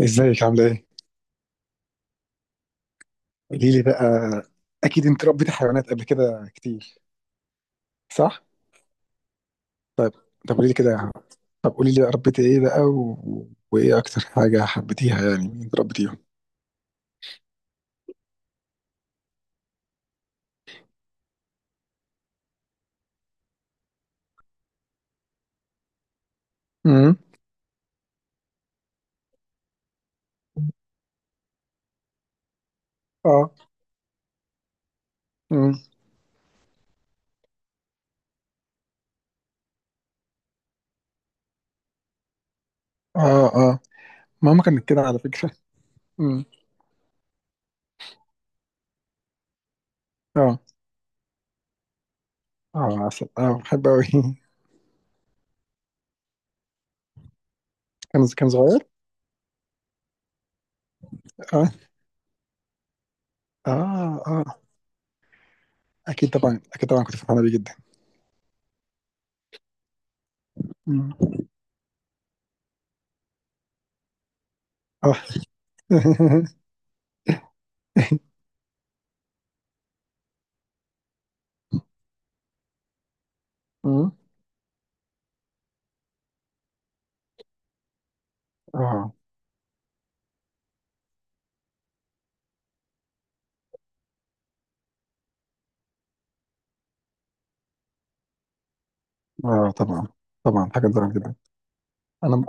ازيك عاملة ايه؟ قولي لي بقى. اكيد انت ربيتي حيوانات قبل كده كتير، صح؟ طيب. طب قولي لي كده. طب قولي لي بقى ربيتي ايه بقى، وايه اكتر حاجة حبيتيها، يعني من اللي انت ربيتيهم؟ امم. اه. امم. اه. اه، ماما كانت كده على فكرة. امم. اه. اه، عسل، اه بحب اوي. كان صغير. اه. اه. اه، اكيد طبعا اكيد طبعا كنت فرحانة بيه جدا. مم. اه. مم. اه. اه، طبعا طبعا حاجة تزعل جدا. انا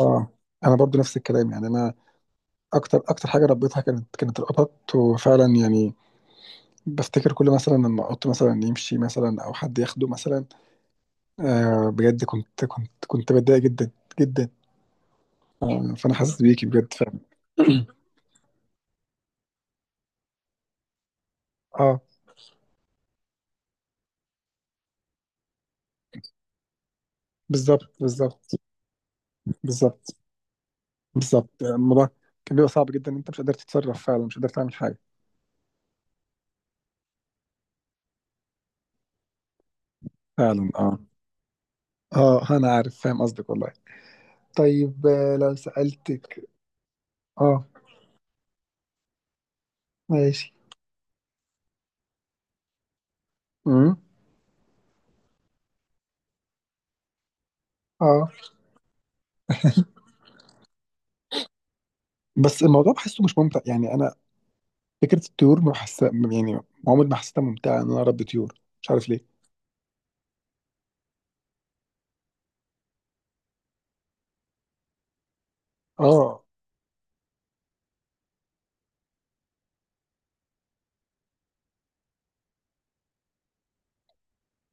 اه انا برضو نفس الكلام، يعني انا اكتر حاجه ربيتها كانت القطط، وفعلا يعني بفتكر كل مثلا لما قط مثلا يمشي مثلا او حد ياخده مثلا، آه بجد كنت بتضايق جدا، جدا. آه، فانا حاسس بيكي بجد فعلا. اه، بالظبط بالظبط. بالظبط بالظبط، الموضوع كان بيبقى صعب جدا، انت مش قادر تتصرف، فعلا مش قادر تعمل حاجه. فعلا. اه. اه، انا عارف، فاهم قصدك والله. طيب، لو سألتك. اه، ماشي. امم. اه. بس الموضوع بحسه مش ممتع يعني، انا فكره الطيور ما بحس يعني عمري ما حسيتها ممتعه ان انا اربي طيور، مش عارف ليه. اه،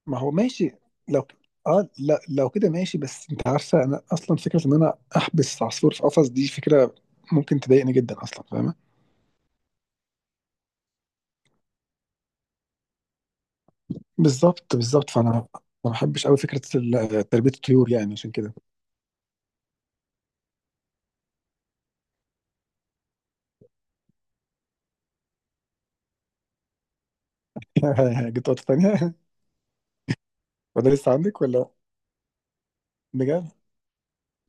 ما هو ماشي. لو ك- اه لا، لو كده ماشي، بس انت عارفه انا اصلا فكره ان انا احبس عصفور في قفص دي فكره ممكن تضايقني جدا اصلا، فاهمه. بالظبط بالظبط، فانا ما بحبش قوي فكره تربيه الطيور يعني، عشان كده. جبت نقطه تانيه. وده لسه عندك ولا؟ بجد.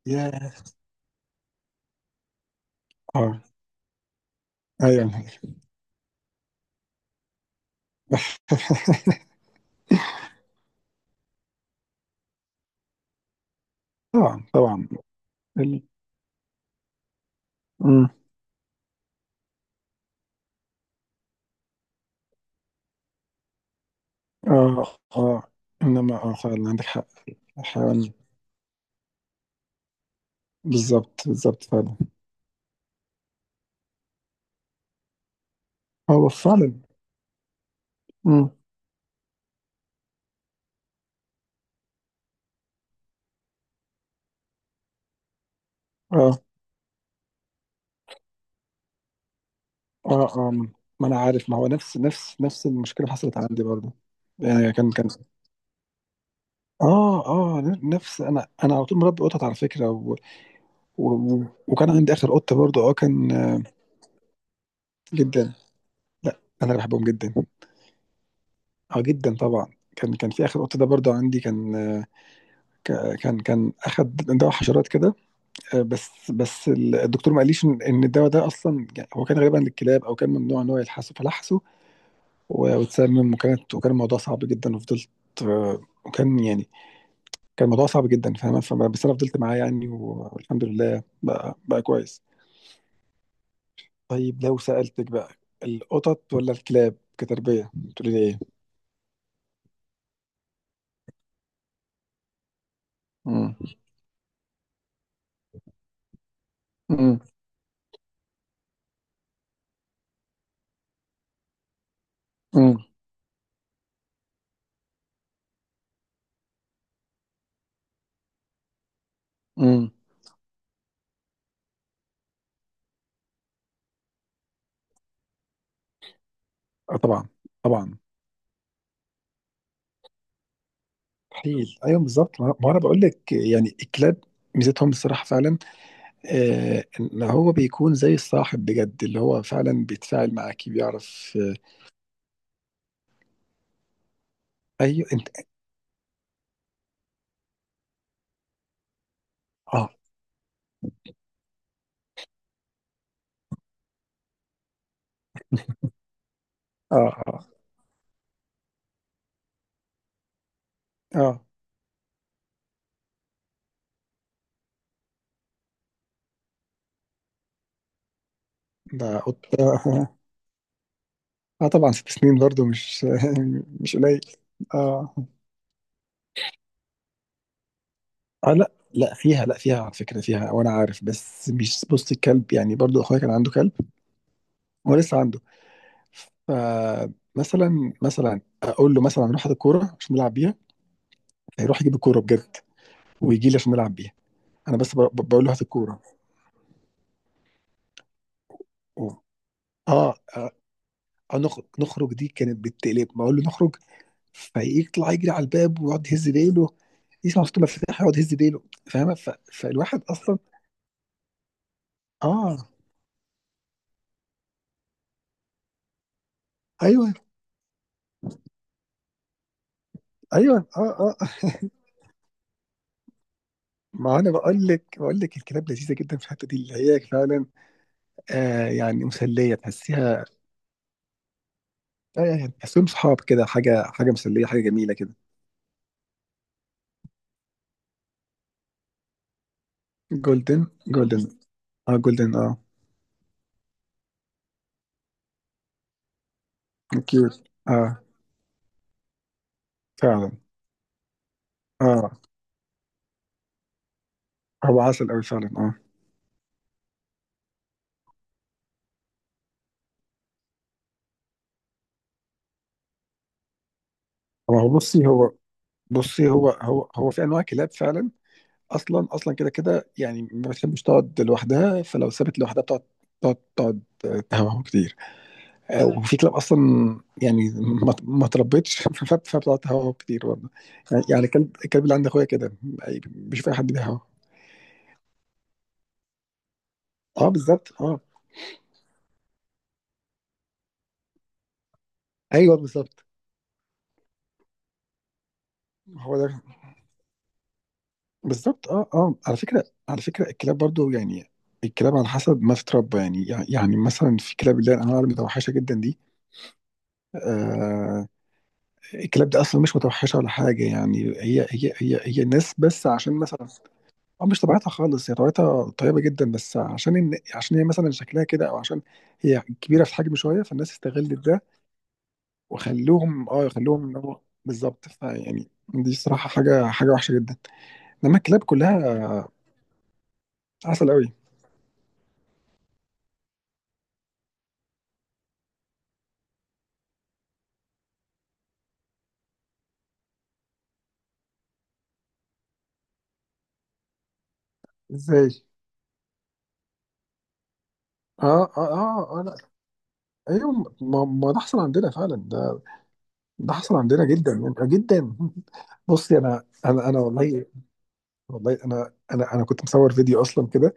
ياه. اه. ايوه. طبعا طبعا. ال... اه، اه، انما فعلا عندك حق. الحيوان. بالظبط بالظبط فعلا. هو فعلا. امم. اه. اه. اه. آه. ما انا عارف، ما هو نفس نفس نفس المشكله حصلت عندي برضه، يعني كان. اه. اه نفس، انا على طول مربي قطط على فكره، وكان عندي اخر قطه برضه، كان جدا. لا، انا اللي بحبهم جدا. اه، جدا طبعا. كان في اخر قطه ده برضه عندي، كان كان اخد دواء حشرات كده، بس الدكتور ما قاليش ان الدواء ده اصلا، يعني هو كان غالبا للكلاب، او كان ممنوع ان هو يلحسه فلحسه، واتسمم، وكانت وكان الموضوع صعب جدا، وفضلت وكان يعني كان الموضوع صعب جدا، فاهمة، بس انا فضلت معاه، يعني والحمد لله بقى بقى كويس. طيب، لو سألتك بقى، القطط ولا الكلاب كتربية؟ تقولي لي ايه؟ مم. مم. مم. مم. اه طبعا، طبعا. مستحيل، ايوه بالظبط، ما انا بقول لك يعني، الكلاب ميزتهم الصراحة فعلا، آه، ان هو بيكون زي الصاحب بجد، اللي هو فعلا بيتفاعل معاكي، بيعرف آه. ايوه انت. اه. اه. اه. اه. آه. آه، طبعا 6 سنين برضو مش مش قليل. اه. اه، لا لا فيها، لا فيها على فكرة فيها، وانا عارف، بس مش، بص الكلب يعني، برضو اخويا كان عنده كلب، هو لسه عنده، فمثلا مثلا اقول له مثلا روح هات الكورة عشان نلعب بيها، هيروح يجيب الكورة بجد، ويجي لي عشان نلعب بيها، انا بس بقول له هات الكورة، و- اه اه، نخرج، نخرج دي كانت بالتقلب، ما اقول له نخرج فيطلع يجري على الباب ويقعد يهز ديله، يسمع صوت المفاتيح يقعد يهز ديله، فاهمه فالواحد اصلا. اه. ايوه. ايوه. اه. اه. ما انا بقول لك، الكلاب لذيذه جدا في الحته دي، اللي هي فعلا آه، يعني مسليه تحسيها، آه يعني تحسهم صحاب كده، حاجه، حاجه مسليه، حاجه جميله كده. جولدن. جولدن. اه، جولدن. اه. كيوت. اه. فعلا. اه. هو عسل قوي فعلا. اه. هو هو بصي هو بصي هو هو هو في انواع كلاب فعلا، اصلا كده كده، يعني ما بتحبش تقعد لوحدها، فلو سابت لوحدها بتقعد، تقعد تهوهو كتير، مم. وفي كلاب اصلا يعني ما تربتش فبتقعد تهوهو كتير برضه، يعني الكلب اللي عند اخويا كده، بيشوف اي حد بيهوهو. اه، بالظبط. اه. ايوه بالظبط. هو ده بالظبط. اه، اه، على فكره، الكلاب برضه يعني، الكلاب على حسب ما تتربى، يعني مثلا في كلاب اللي هي الانواع المتوحشه جدا دي، آه الكلاب دي اصلا مش متوحشه ولا حاجه، يعني هي الناس بس، عشان مثلا، اه مش طبيعتها خالص، هي طبيعتها طيبه جدا، بس عشان إن عشان هي مثلا شكلها كده، او عشان هي كبيره في الحجم شويه، فالناس استغلت ده وخلوهم، اه خلوهم ان هو بالظبط، فيعني دي صراحه حاجه، حاجه وحشه جدا، انما الكلاب كلها عسل قوي. ازاي؟ اه. اه. اه. اه. لا. ايوه. ما ده حصل عندنا فعلا، ده ده حصل عندنا جدا يعني، جدا. بصي، انا والله، والله انا كنت مصور فيديو اصلا كده،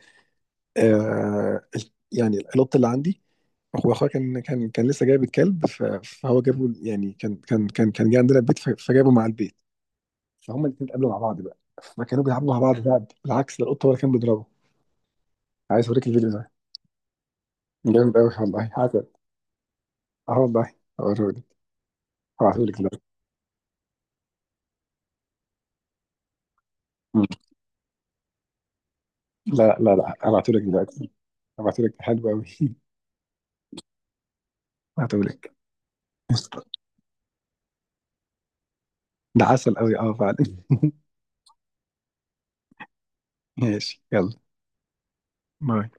آه يعني القط اللي عندي، هو اخويا كان كان لسه جايب الكلب، فهو جابه، يعني كان جه عندنا البيت، فجابه مع البيت، فهم الاثنين اتقابلوا مع بعض بقى، فكانوا بيلعبوا مع بعض بقى، بالعكس ده القط هو اللي كان بيضربه. عايز اوريك الفيديو ده، جامد قوي والله، عسل. اه والله. هوريهولك، هبعتهولك دلوقتي. مم. لا لا لا، هبعتهولك دلوقتي، هبعتهولك، حلو قوي. هبعتهولك. ده عسل قوي، اه فعلا. ماشي، يلا. باي.